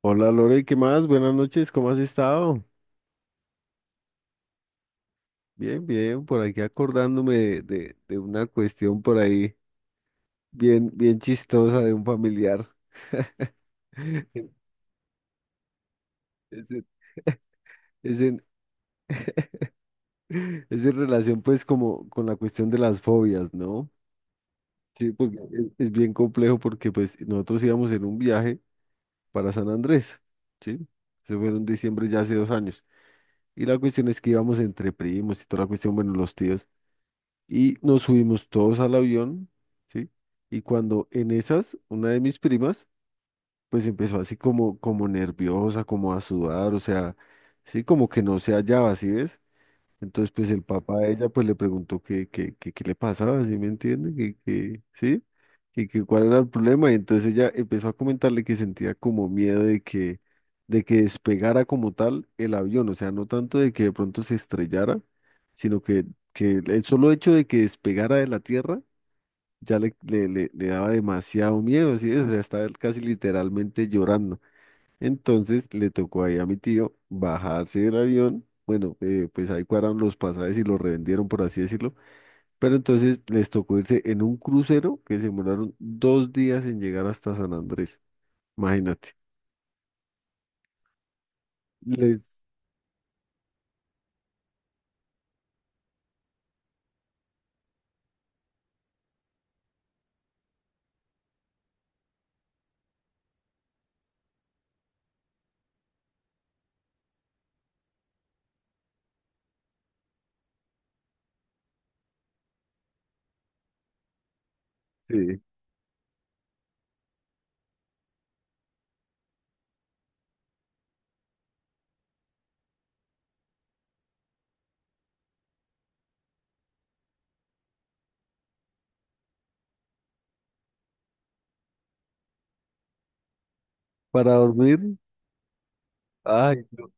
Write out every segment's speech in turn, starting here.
Hola Lore, ¿qué más? Buenas noches, ¿cómo has estado? Bien, por aquí acordándome de una cuestión por ahí bien chistosa de un familiar. Es en, es en- es en relación pues como con la cuestión de las fobias, ¿no? Sí, porque es bien complejo porque pues nosotros íbamos en un viaje para San Andrés, ¿sí? Se fue en diciembre ya hace dos años. Y la cuestión es que íbamos entre primos y toda la cuestión, bueno, los tíos. Y nos subimos todos al avión, ¿sí? Y cuando en esas, una de mis primas, pues empezó así como nerviosa, como a sudar, o sea, sí, como que no se hallaba, ¿sí ves? Entonces, pues el papá de ella pues le preguntó qué le pasaba, ¿sí me entiende? Que, ¿sí? Que cuál era el problema. Y entonces ella empezó a comentarle que sentía como miedo de que despegara como tal el avión. O sea, no tanto de que de pronto se estrellara, sino que el solo hecho de que despegara de la tierra ya le daba demasiado miedo, ¿sí? O sea, estaba casi literalmente llorando. Entonces le tocó ahí a mi tío bajarse del avión. Bueno, pues ahí cuadraron los pasajes y los revendieron, por así decirlo. Pero entonces les tocó irse en un crucero que se demoraron dos días en llegar hasta San Andrés. Imagínate. Les, sí, para dormir. Ay, no.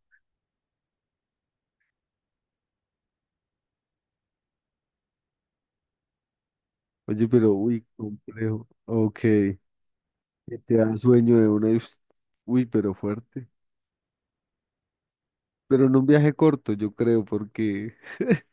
Oye, pero uy, complejo. Ok, que te da sueño de una. Y ups, uy, pero fuerte. Pero en un viaje corto, yo creo, porque,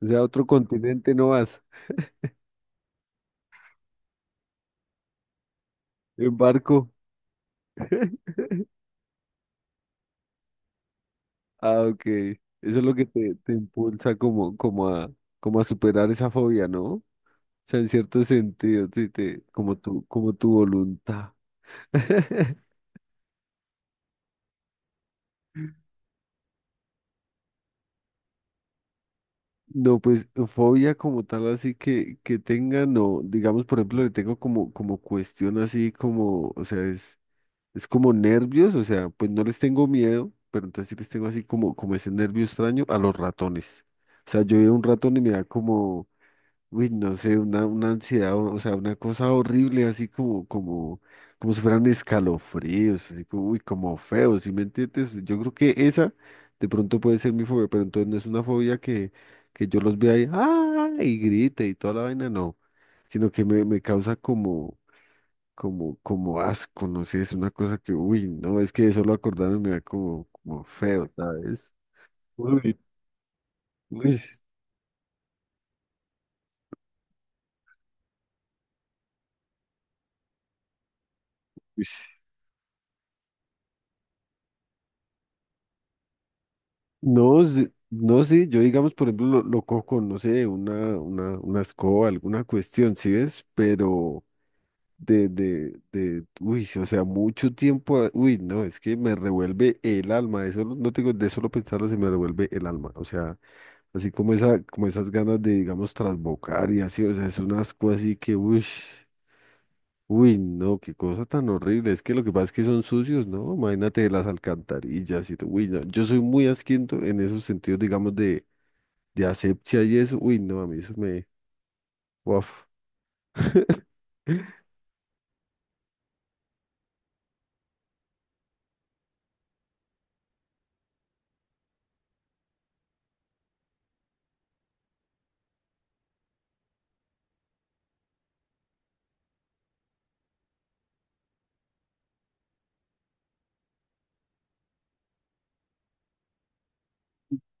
o sea, a otro continente no vas. En barco. Ah, ok. Eso es lo que te impulsa como, como a, como a superar esa fobia, ¿no? O sea, en cierto sentido, sí, te, como tu voluntad. No, pues fobia como tal, así que tenga, no, digamos, por ejemplo, le tengo como, como cuestión así como, o sea, es como nervios, o sea, pues no les tengo miedo, pero entonces sí les tengo así como, como ese nervio extraño a los ratones. O sea, yo veo un ratón y me da como, uy, no sé, una ansiedad, o sea, una cosa horrible, así como, como, como si fueran escalofríos, así como, uy, como feos, ¿sí me entiendes? Yo creo que esa de pronto puede ser mi fobia, pero entonces no es una fobia que yo los vea ahí, ¡ah! Y grite y toda la vaina, no, sino que me causa como, como, como asco, no sé, es una cosa que, uy, no, es que de solo acordarme me da como, como feo, ¿sabes? Uy, uy, uy. No, sí, yo digamos, por ejemplo, lo cojo con, no sé, una escoba, alguna cuestión, ¿sí ves? Pero uy, o sea, mucho tiempo, uy, no, es que me revuelve el alma, eso no te digo de solo pensarlo se me revuelve el alma, o sea, así como esa, como esas ganas de, digamos, trasbocar y así, o sea, es un asco así que, uy, uy, no, qué cosa tan horrible, es que lo que pasa es que son sucios, ¿no? Imagínate las alcantarillas y todo, uy, no, yo soy muy asquiento en esos sentidos, digamos, de asepsia y eso, uy, no, a mí eso me, uf,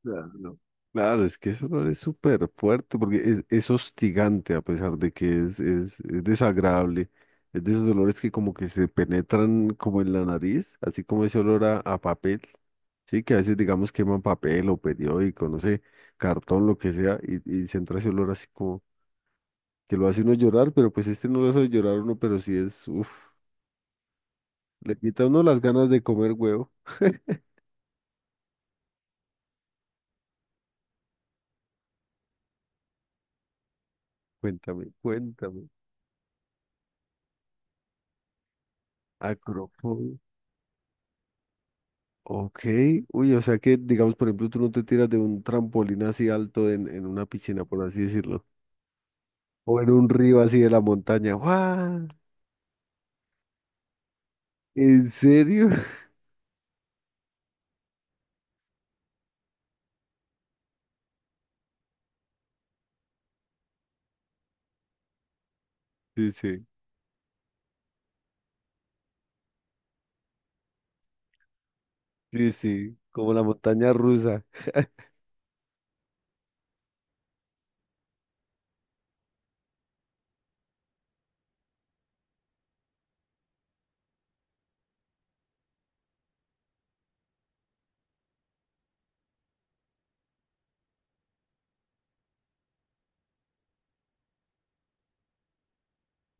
claro, claro, es que eso no es súper fuerte porque es hostigante a pesar de que es desagradable. Es de esos olores que como que se penetran como en la nariz, así como ese olor a papel, sí, que a veces digamos queman papel o periódico, no sé, cartón, lo que sea, y se entra ese olor así como que lo hace uno llorar, pero pues este no lo hace llorar a uno, pero sí es, uff, le quita a uno las ganas de comer huevo. Cuéntame, cuéntame. Acropol. Ok. Uy, o sea que, digamos, por ejemplo, tú no te tiras de un trampolín así alto en una piscina, por así decirlo. O en un río así de la montaña. ¡Guau! ¿En serio? Sí, sí. Sí, sí. Como la montaña rusa.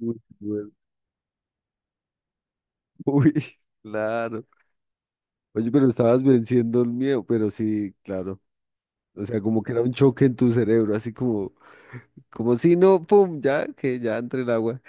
Uy, bueno. Uy, claro. Oye, pero estabas venciendo el miedo, pero sí, claro. O sea, como que era un choque en tu cerebro, así como, como si no, pum, ya, que ya entre el agua.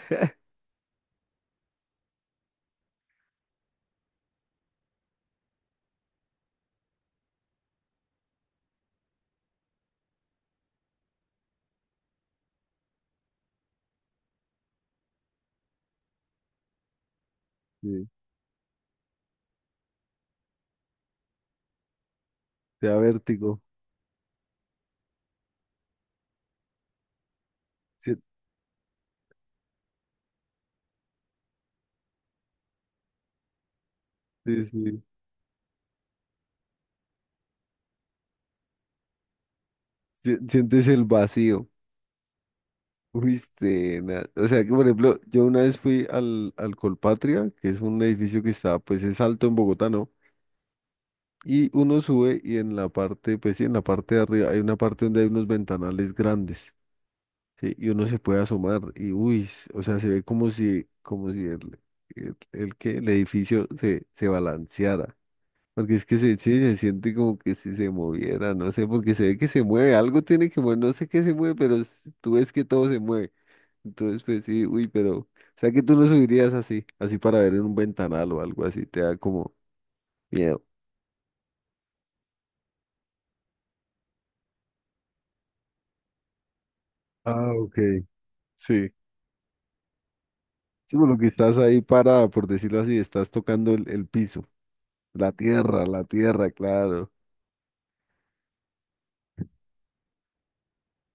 Sí, te da vértigo. Sí, sí, sí. Sientes el vacío. Viste, o sea que por ejemplo, yo una vez fui al Colpatria, que es un edificio que está, pues es alto en Bogotá, ¿no? Y uno sube y en la parte, pues sí, en la parte de arriba hay una parte donde hay unos ventanales grandes, ¿sí? Y uno se puede asomar y, uy, o sea, se ve como si el edificio se balanceara. Porque es que se, sí, se siente como que si se moviera, no sé, porque se ve que se mueve, algo tiene que mover, no sé qué se mueve, pero tú ves que todo se mueve. Entonces, pues sí, uy, pero, o sea que tú no subirías así, así para ver en un ventanal o algo así, te da como miedo. Ah, ok. Sí. Sí, por lo que estás ahí parada, por decirlo así, estás tocando el piso, la tierra, claro.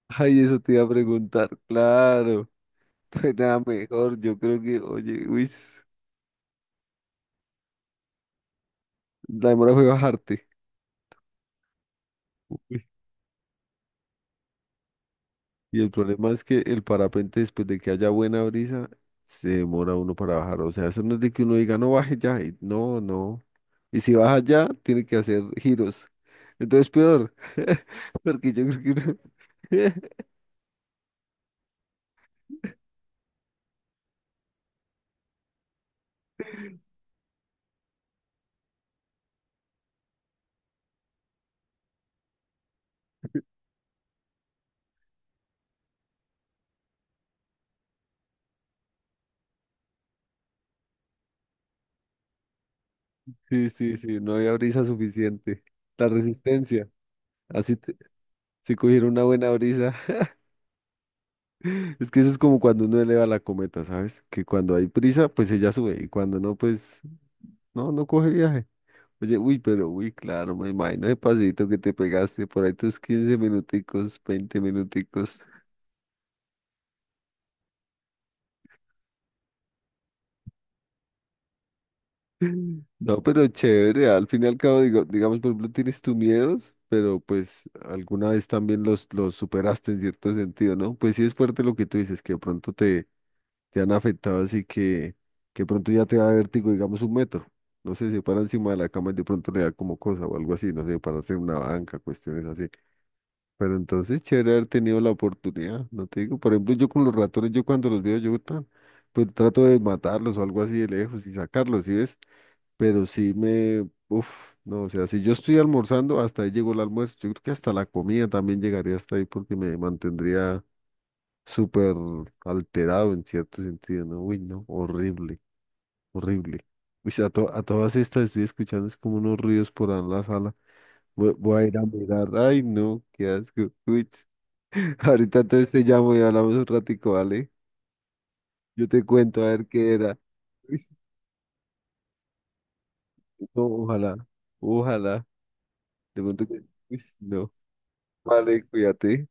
Ay, eso te iba a preguntar, claro. Pues nada, mejor, yo creo que, oye, uy, la demora fue bajarte. Uy, y el problema es que el parapente, después de que haya buena brisa, se demora uno para bajar. O sea, eso no es de que uno diga, no baje ya, y no. Y si vas allá, tiene que hacer giros. Entonces, peor. Porque yo creo que no. Sí, sí, sí, no había brisa suficiente. La resistencia. Así te- si cogiera una buena brisa. Es que eso es como cuando uno eleva la cometa, ¿sabes? Que cuando hay prisa pues ella sube. Y cuando no, pues no coge viaje. Oye, uy, pero uy, claro, me imagino el paseíto que te pegaste por ahí tus 15 minuticos, 20 minuticos. No, pero chévere, al fin y al cabo, digo, digamos, por ejemplo, tienes tus miedos, pero pues alguna vez también los superaste en cierto sentido, ¿no? Pues sí es fuerte lo que tú dices, que de pronto te han afectado, así que de pronto ya te da vértigo, digamos, un metro. No sé, se para encima de la cama y de pronto le da como cosa o algo así, no sé, pararse en una banca, cuestiones así. Pero entonces, chévere haber tenido la oportunidad, no te digo, por ejemplo, yo con los ratones, yo cuando los veo, yo tan, pues trato de matarlos o algo así de lejos y sacarlos, ¿sí ves? Pero sí me, uf, no, o sea, si yo estoy almorzando, hasta ahí llegó el almuerzo. Yo creo que hasta la comida también llegaría hasta ahí porque me mantendría súper alterado en cierto sentido, ¿no? Uy, no, horrible, horrible. Uy, a todas estas estoy escuchando, es como unos ruidos por ahí en la sala. Voy a ir a mirar. Ay, no, qué asco. Uy, ts. Ahorita entonces te llamo y hablamos un ratico, ¿vale? Yo te cuento a ver qué era. Uy, no, ojalá, ojalá. De pronto que, uy, no. Vale, cuídate.